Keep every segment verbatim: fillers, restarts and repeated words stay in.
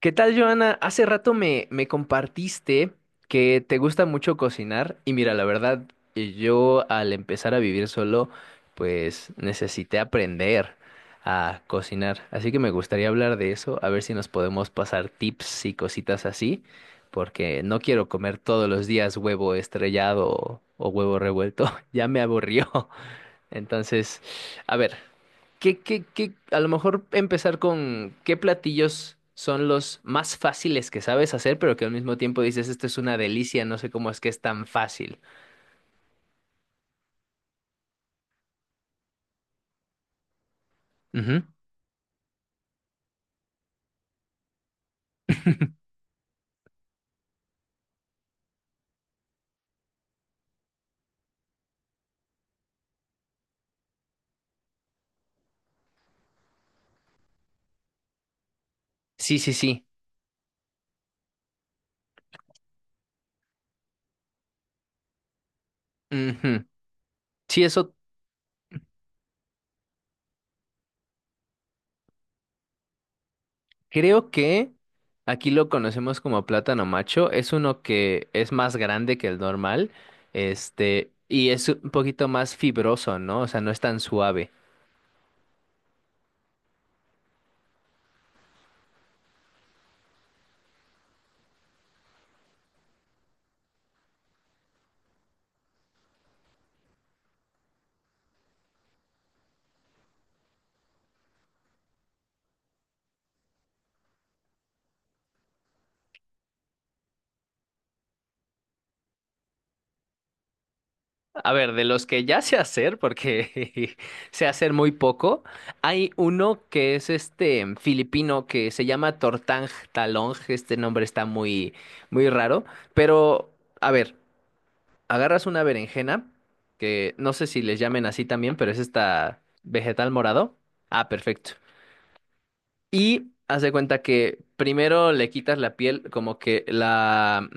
¿Qué tal, Joana? Hace rato me, me compartiste que te gusta mucho cocinar y mira, la verdad, eh, yo al empezar a vivir solo, pues necesité aprender a cocinar. Así que me gustaría hablar de eso, a ver si nos podemos pasar tips y cositas así, porque no quiero comer todos los días huevo estrellado o, o huevo revuelto, ya me aburrió. Entonces, a ver. ¿Qué, qué, qué, A lo mejor empezar con qué platillos son los más fáciles que sabes hacer, pero que al mismo tiempo dices, esto es una delicia, no sé cómo es que es tan fácil. Ujú. Sí, sí, sí. Ujú. Sí, eso creo que aquí lo conocemos como plátano macho. Es uno que es más grande que el normal, este, y es un poquito más fibroso, ¿no? O sea, no es tan suave. A ver, de los que ya sé hacer, porque sé hacer muy poco, hay uno que es este em, filipino que se llama Tortang Talong. Este nombre está muy, muy raro. Pero, a ver, agarras una berenjena, que no sé si les llamen así también, pero es esta vegetal morado. Ah, perfecto. Y haz de cuenta que primero le quitas la piel, como que la.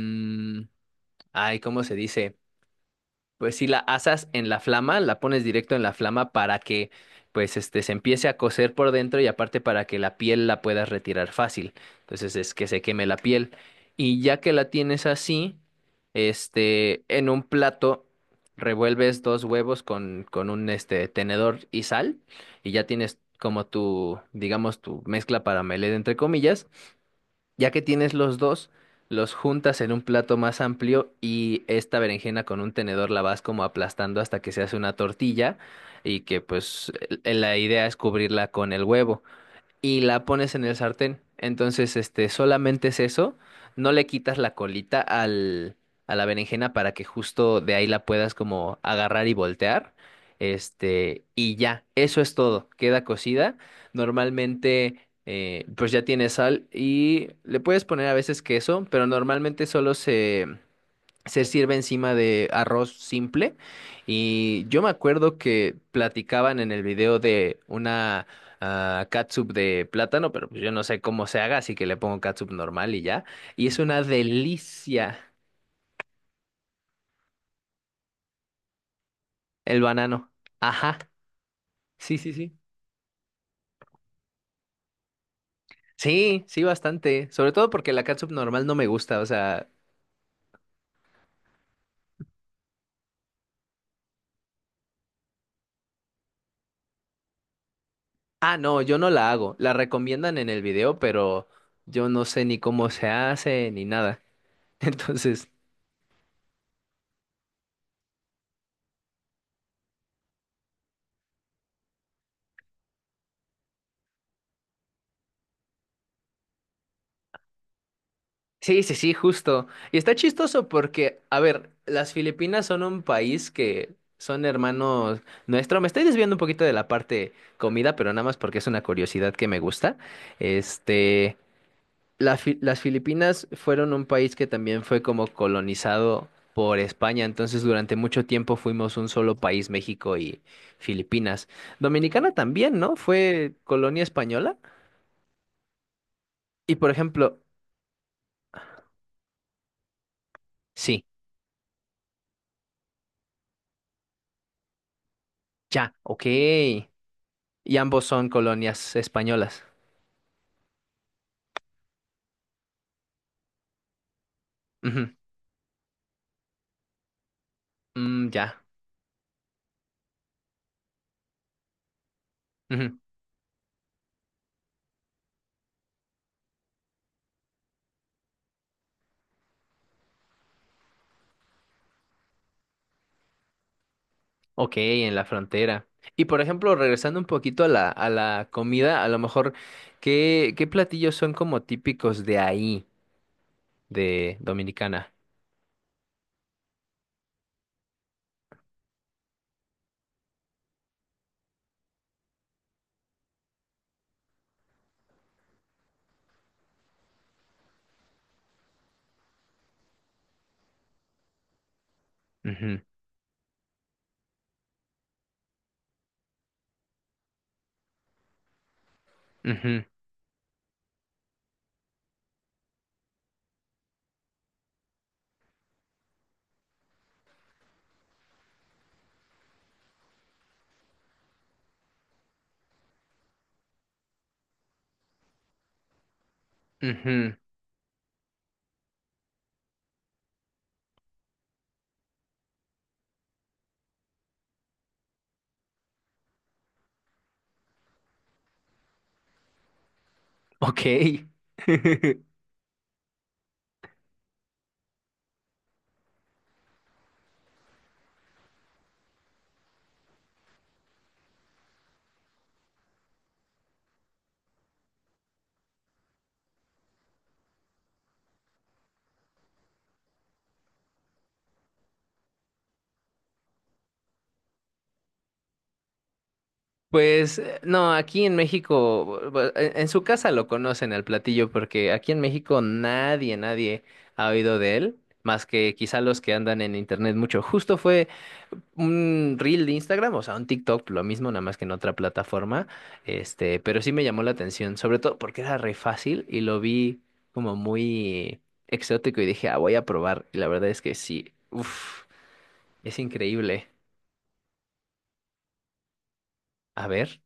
mm, ay, ¿cómo se dice? Pues si la asas en la flama, la pones directo en la flama para que pues este se empiece a cocer por dentro y aparte para que la piel la puedas retirar fácil. Entonces es que se queme la piel. Y ya que la tienes así, este, en un plato revuelves dos huevos con, con un este tenedor y sal y ya tienes como tu, digamos, tu mezcla para melé entre comillas. Ya que tienes los dos, los juntas en un plato más amplio y esta berenjena con un tenedor la vas como aplastando hasta que se hace una tortilla y que pues el- la idea es cubrirla con el huevo y la pones en el sartén. Entonces, este, solamente es eso. No le quitas la colita al, a la berenjena para que justo de ahí la puedas como agarrar y voltear. Este, y ya, eso es todo. Queda cocida. Normalmente, eh, pues ya tiene sal y le puedes poner a veces queso, pero normalmente solo se se sirve encima de arroz simple. Y yo me acuerdo que platicaban en el video de una ah, catsup de plátano, pero pues yo no sé cómo se haga, así que le pongo catsup normal y ya. Y es una delicia el banano. Ajá. Sí, sí, sí. Sí, sí, bastante. Sobre todo porque la catsup normal no me gusta, o sea. Ah, no, yo no la hago. La recomiendan en el video, pero yo no sé ni cómo se hace ni nada. Entonces. Sí, sí, sí, justo. Y está chistoso porque, a ver, las Filipinas son un país que son hermanos nuestro. Me estoy desviando un poquito de la parte comida, pero nada más porque es una curiosidad que me gusta. Este, la Fi- las Filipinas fueron un país que también fue como colonizado por España, entonces durante mucho tiempo fuimos un solo país, México y Filipinas. Dominicana también, ¿no? Fue colonia española. Y por ejemplo, sí, ya, ok. Y ambos son colonias españolas. Ujú. Mm, ya. Ujú. Ok, en la frontera. Y por ejemplo, regresando un poquito a la, a la comida, a lo mejor, ¿qué, qué platillos son como típicos de ahí, de Dominicana? Ujú, ujú, ujú. Ok. Pues eh, no, aquí en México, bu- bu- en en su casa lo conocen al platillo porque aquí en México nadie, nadie ha oído de él, más que quizá los que andan en internet mucho. Justo fue un reel de Instagram, o sea, un TikTok, lo mismo, nada más que en otra plataforma, este, pero sí me llamó la atención, sobre todo porque era re fácil y lo vi como muy exótico y dije, ah, voy a probar. Y la verdad es que sí, uff, es increíble. A ver.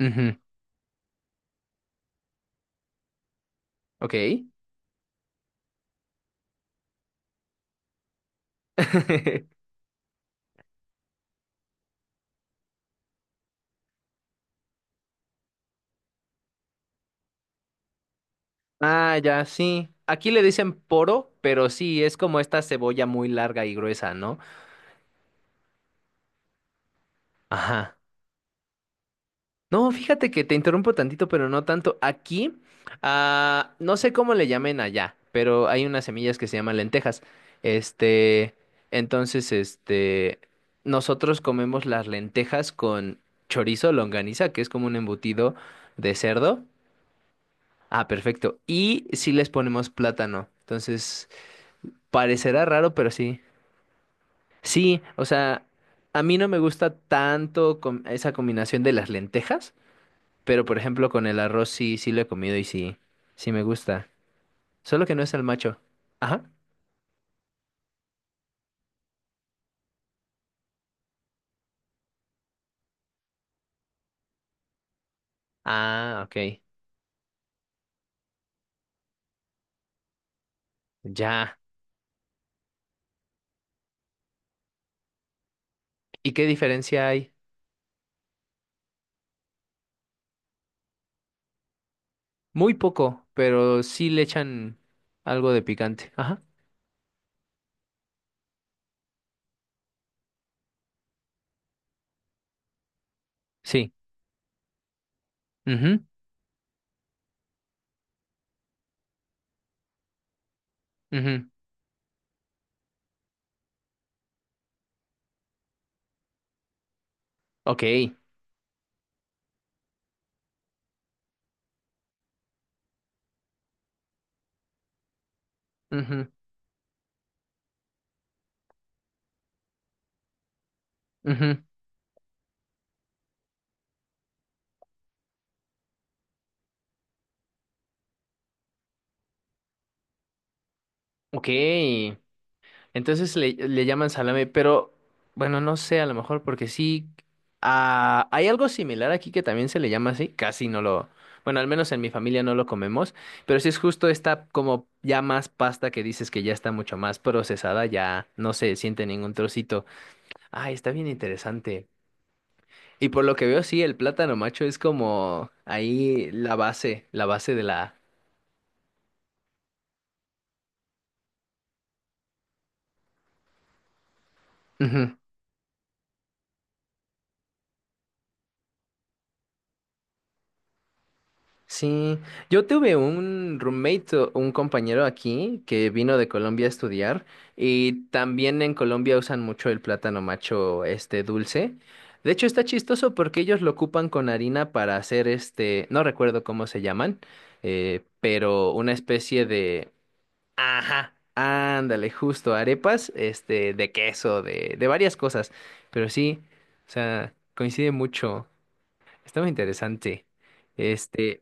Ujú, ok. Ah, ya, sí. Aquí le dicen poro, pero sí, es como esta cebolla muy larga y gruesa, ¿no? Ajá. No, fíjate que te interrumpo tantito, pero no tanto. Aquí, ah, no sé cómo le llamen allá, pero hay unas semillas que se llaman lentejas. Este, entonces, este, nosotros comemos las lentejas con chorizo, longaniza, que es como un embutido de cerdo. Ah, perfecto. Y sí les ponemos plátano. Entonces, parecerá raro, pero sí. Sí, o sea, a mí no me gusta tanto com- esa combinación de las lentejas, pero por ejemplo con el arroz sí, sí lo he comido y sí, sí me gusta. Solo que no es el macho. Ajá. Ah, ok. Ya. ¿Y qué diferencia hay? Muy poco, pero sí le echan algo de picante. Ajá. Sí. Mhm. Mhm. Ok. Mhm. Mhm. Ok. Entonces le, le llaman salame, pero bueno, no sé, a lo mejor porque sí. Ah, hay algo similar aquí que también se le llama así, casi no lo, bueno, al menos en mi familia no lo comemos, pero sí es justo esta como ya más pasta que dices que ya está mucho más procesada, ya no se siente ningún trocito. Ah, está bien interesante. Y por lo que veo, sí, el plátano macho es como ahí la base, la base de la... Ujú. Sí, yo tuve un roommate, o un compañero aquí que vino de Colombia a estudiar y también en Colombia usan mucho el plátano macho este dulce. De hecho está chistoso porque ellos lo ocupan con harina para hacer este, no recuerdo cómo se llaman, eh, pero una especie de, ajá, ándale, justo arepas, este, de queso, de, de varias cosas, pero sí, o sea, coincide mucho, está muy interesante. Este,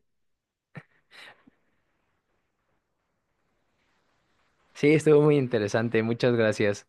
sí, estuvo muy interesante. Muchas gracias.